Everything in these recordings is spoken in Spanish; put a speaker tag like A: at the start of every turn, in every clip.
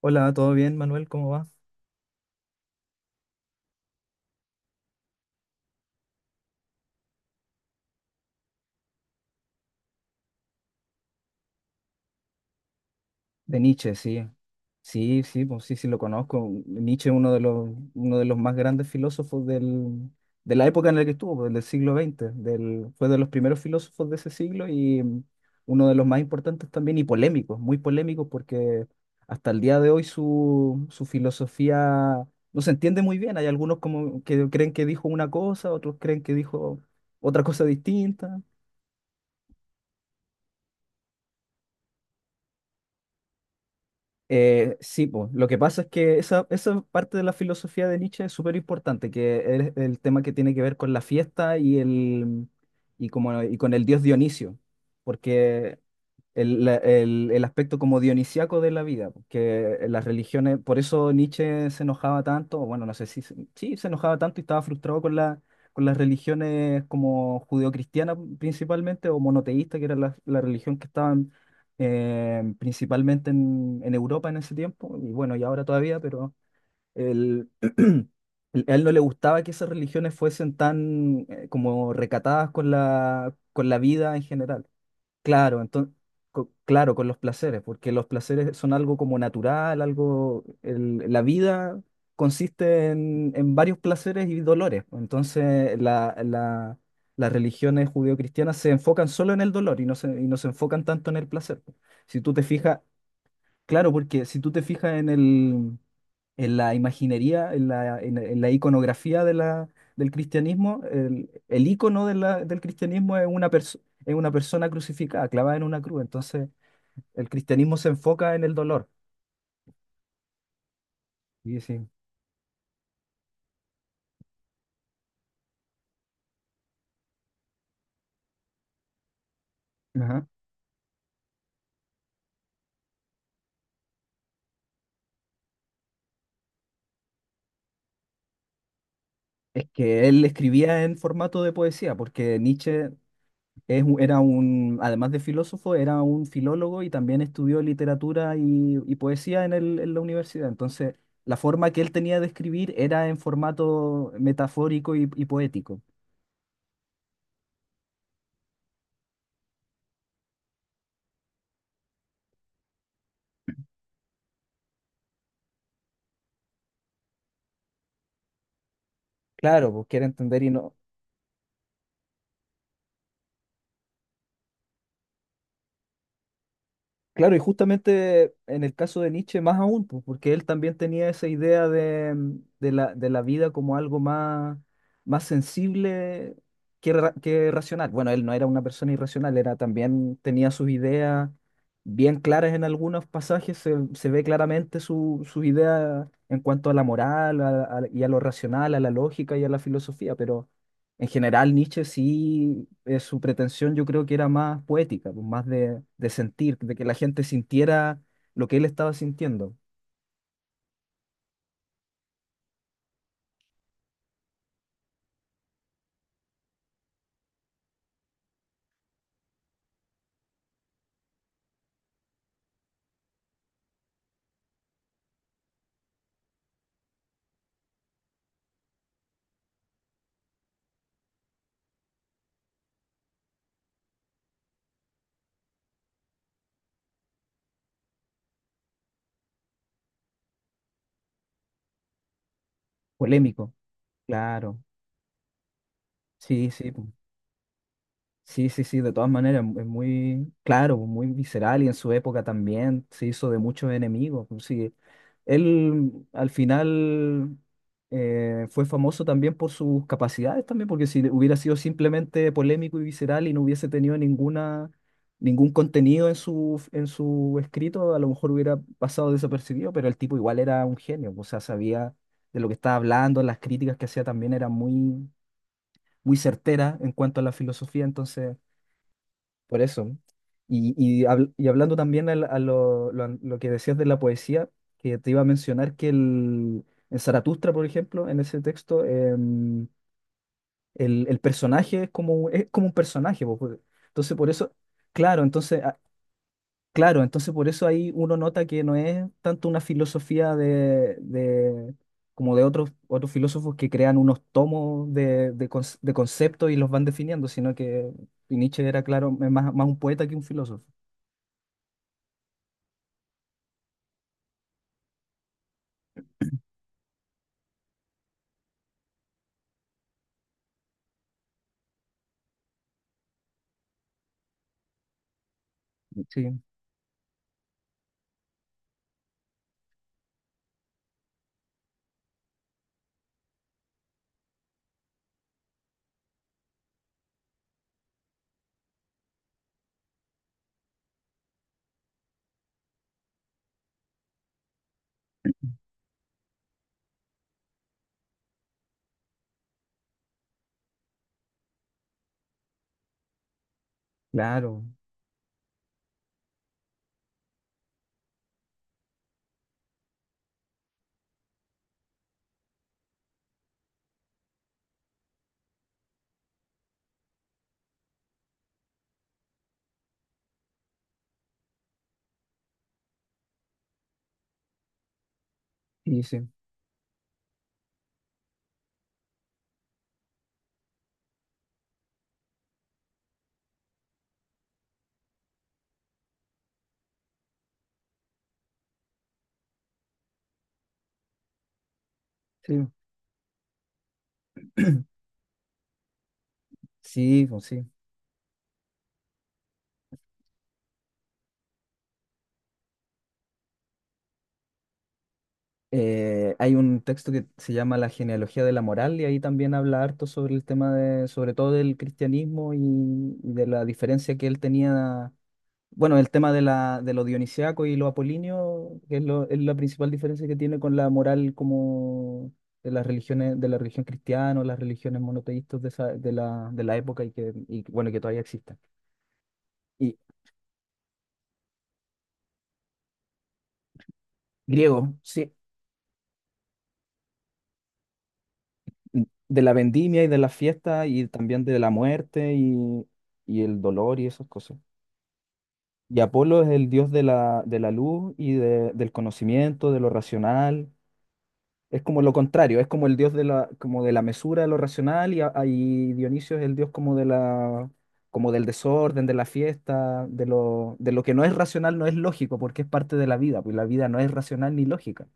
A: Hola, ¿todo bien, Manuel? ¿Cómo va? De Nietzsche, sí. Sí, sí, pues sí, sí lo conozco. Nietzsche es uno de los más grandes filósofos del, de la época en la que estuvo, pues, del siglo XX. Del, fue de los primeros filósofos de ese siglo y uno de los más importantes también y polémicos, muy polémicos porque hasta el día de hoy su filosofía no se entiende muy bien. Hay algunos como que creen que dijo una cosa, otros creen que dijo otra cosa distinta. Sí, pues, lo que pasa es que esa parte de la filosofía de Nietzsche es súper importante, que es el tema que tiene que ver con la fiesta y con el dios Dionisio, porque el aspecto como dionisiaco de la vida, que las religiones, por eso Nietzsche se enojaba tanto, o bueno, no sé si, se- sí, se enojaba tanto y estaba frustrado con las religiones como judeocristiana principalmente o monoteísta, que era la religión que estaba principalmente en Europa en ese tiempo, y bueno, y ahora todavía, pero el- a él no le gustaba que esas religiones fuesen tan como recatadas con con la vida en general. Claro, entonces, claro, con los placeres, porque los placeres son algo como natural, algo, la vida consiste en varios placeres y dolores, pues. Entonces, las religiones judeocristianas se enfocan solo en el dolor y y no se enfocan tanto en el placer, pues. Si tú te fijas, claro, porque si tú te fijas en en la imaginería, en la iconografía de del cristianismo, el icono de del cristianismo es es una persona crucificada, clavada en una cruz. Entonces, el cristianismo se enfoca en el dolor. Sí, sí, ajá. Es que él escribía en formato de poesía, porque Nietzsche era un, además de filósofo, era un filólogo y también estudió literatura y poesía en en la universidad. Entonces, la forma que él tenía de escribir era en formato metafórico y poético. Claro, pues quiere entender y no. Claro, y justamente en el caso de Nietzsche más aún, pues, porque él también tenía esa idea de, de la vida como algo más, más sensible que racional. Bueno, él no era una persona irracional, era también tenía sus ideas bien claras en algunos pasajes, se ve claramente su idea en cuanto a la moral y a lo racional, a la lógica y a la filosofía. Pero en general, Nietzsche sí, su pretensión yo creo que era más poética, pues, más de sentir, de que la gente sintiera lo que él estaba sintiendo. Polémico, claro. Sí, sí, pues. Sí, sí, sí, de todas maneras, es muy claro, muy visceral y en su época también se hizo de muchos enemigos, pues. Sí, él al final fue famoso también por sus capacidades también, porque si hubiera sido simplemente polémico y visceral y no hubiese tenido ningún contenido en en su escrito, a lo mejor hubiera pasado desapercibido, pero el tipo igual era un genio, o sea, sabía de lo que estaba hablando, las críticas que hacía también eran muy, muy certeras en cuanto a la filosofía, entonces... Por eso. Y hablando también al- a, lo an- lo que decías de la poesía, que te iba a mencionar en Zaratustra, por ejemplo, en ese texto, el personaje es como un personaje. Entonces, por eso, claro, entonces, ah, claro, entonces por eso ahí uno nota que no es tanto una filosofía como de otros, otros filósofos que crean unos tomos de conceptos y los van definiendo, sino que Nietzsche era, claro, más, más un poeta que un filósofo. Sí, claro, sí, sí, sí, sí, pues sí. Hay un texto que se llama La genealogía de la moral y ahí también habla harto sobre el tema de, sobre todo del cristianismo y de la diferencia que él tenía, bueno, el tema de de lo dionisiaco y lo apolíneo, que es, es la principal diferencia que tiene con la moral como de las religiones, de la religión cristiana o las religiones monoteístas de la época bueno, que todavía existen. Y griego, sí, de la vendimia y de la fiesta y también de la muerte y el dolor y esas cosas. Y Apolo es el dios de de la luz y del conocimiento, de lo racional, es como lo contrario, es como el dios de como de la mesura, de lo racional. Y Dionisio es el dios como de como del desorden, de la fiesta, de lo que no es racional, no es lógico, porque es parte de la vida, pues la vida no es racional ni lógica.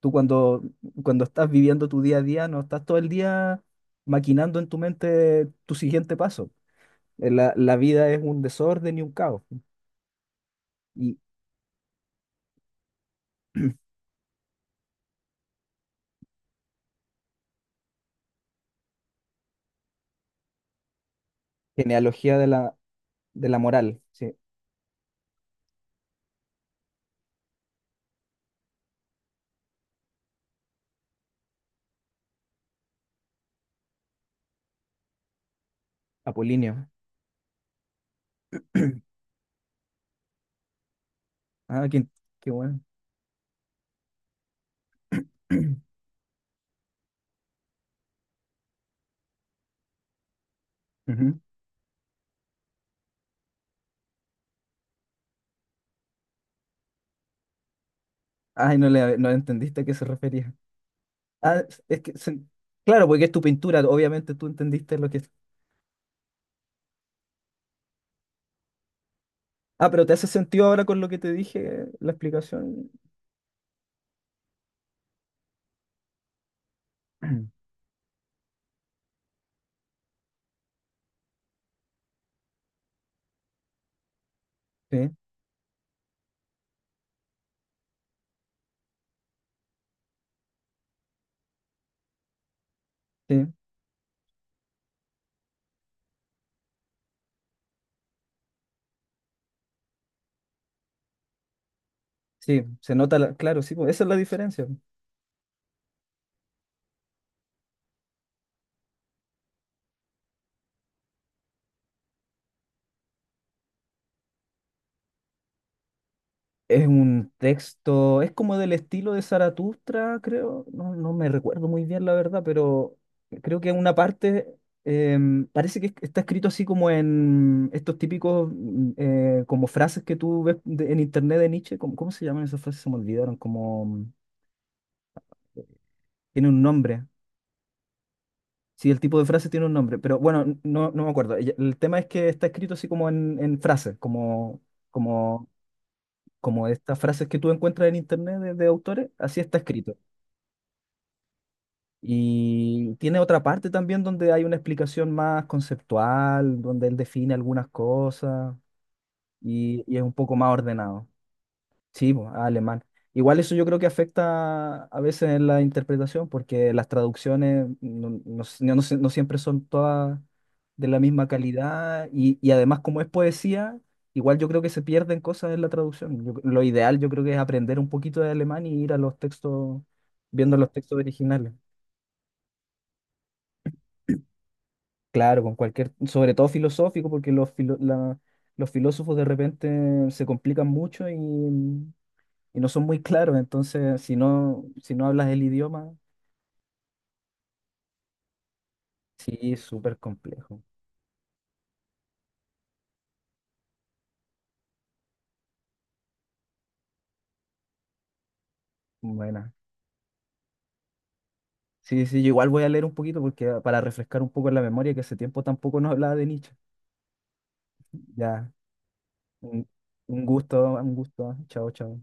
A: Tú cuando, Cuando estás viviendo tu día a día, no estás todo el día maquinando en tu mente tu siguiente paso. La vida es un desorden y un caos. Y genealogía de de la moral, sí, Apolinio. Ah, qué, qué bueno. Ujú. Ay, no entendiste a qué se refería. Ah, claro, porque es tu pintura, obviamente tú entendiste lo que es. Ah, pero ¿te hace sentido ahora con lo que te dije, la explicación? Sí, sí, sí, se nota, claro, sí, pues, esa es la diferencia. Es un texto, es como del estilo de Zaratustra, creo. No, no me recuerdo muy bien la verdad, pero creo que una parte parece que está escrito así como en estos típicos como frases que tú ves en internet de Nietzsche. ¿Cómo, cómo se llaman esas frases? Se me olvidaron, como tiene un nombre. Sí, el tipo de frase tiene un nombre, pero bueno, no me acuerdo. Y el tema es que está escrito así como en frases, como, como, como estas frases que tú encuentras en internet de autores, así está escrito. Y tiene otra parte también donde hay una explicación más conceptual, donde él define algunas cosas y es un poco más ordenado. Sí, pues, alemán. Igual eso yo creo que afecta a veces en la interpretación porque las traducciones no siempre son todas de la misma calidad y además como es poesía, igual yo creo que se pierden cosas en la traducción. Lo ideal yo creo que es aprender un poquito de alemán y ir a los textos, viendo los textos originales. Claro, con cualquier, sobre todo filosófico, porque los filósofos de repente se complican mucho y no son muy claros, entonces si no hablas el idioma, sí, es súper complejo. Buena. Sí, sí, yo igual voy a leer un poquito porque para refrescar un poco la memoria, que hace tiempo tampoco no hablaba de Nietzsche. Ya, un un gusto, un gusto. Chao, chao.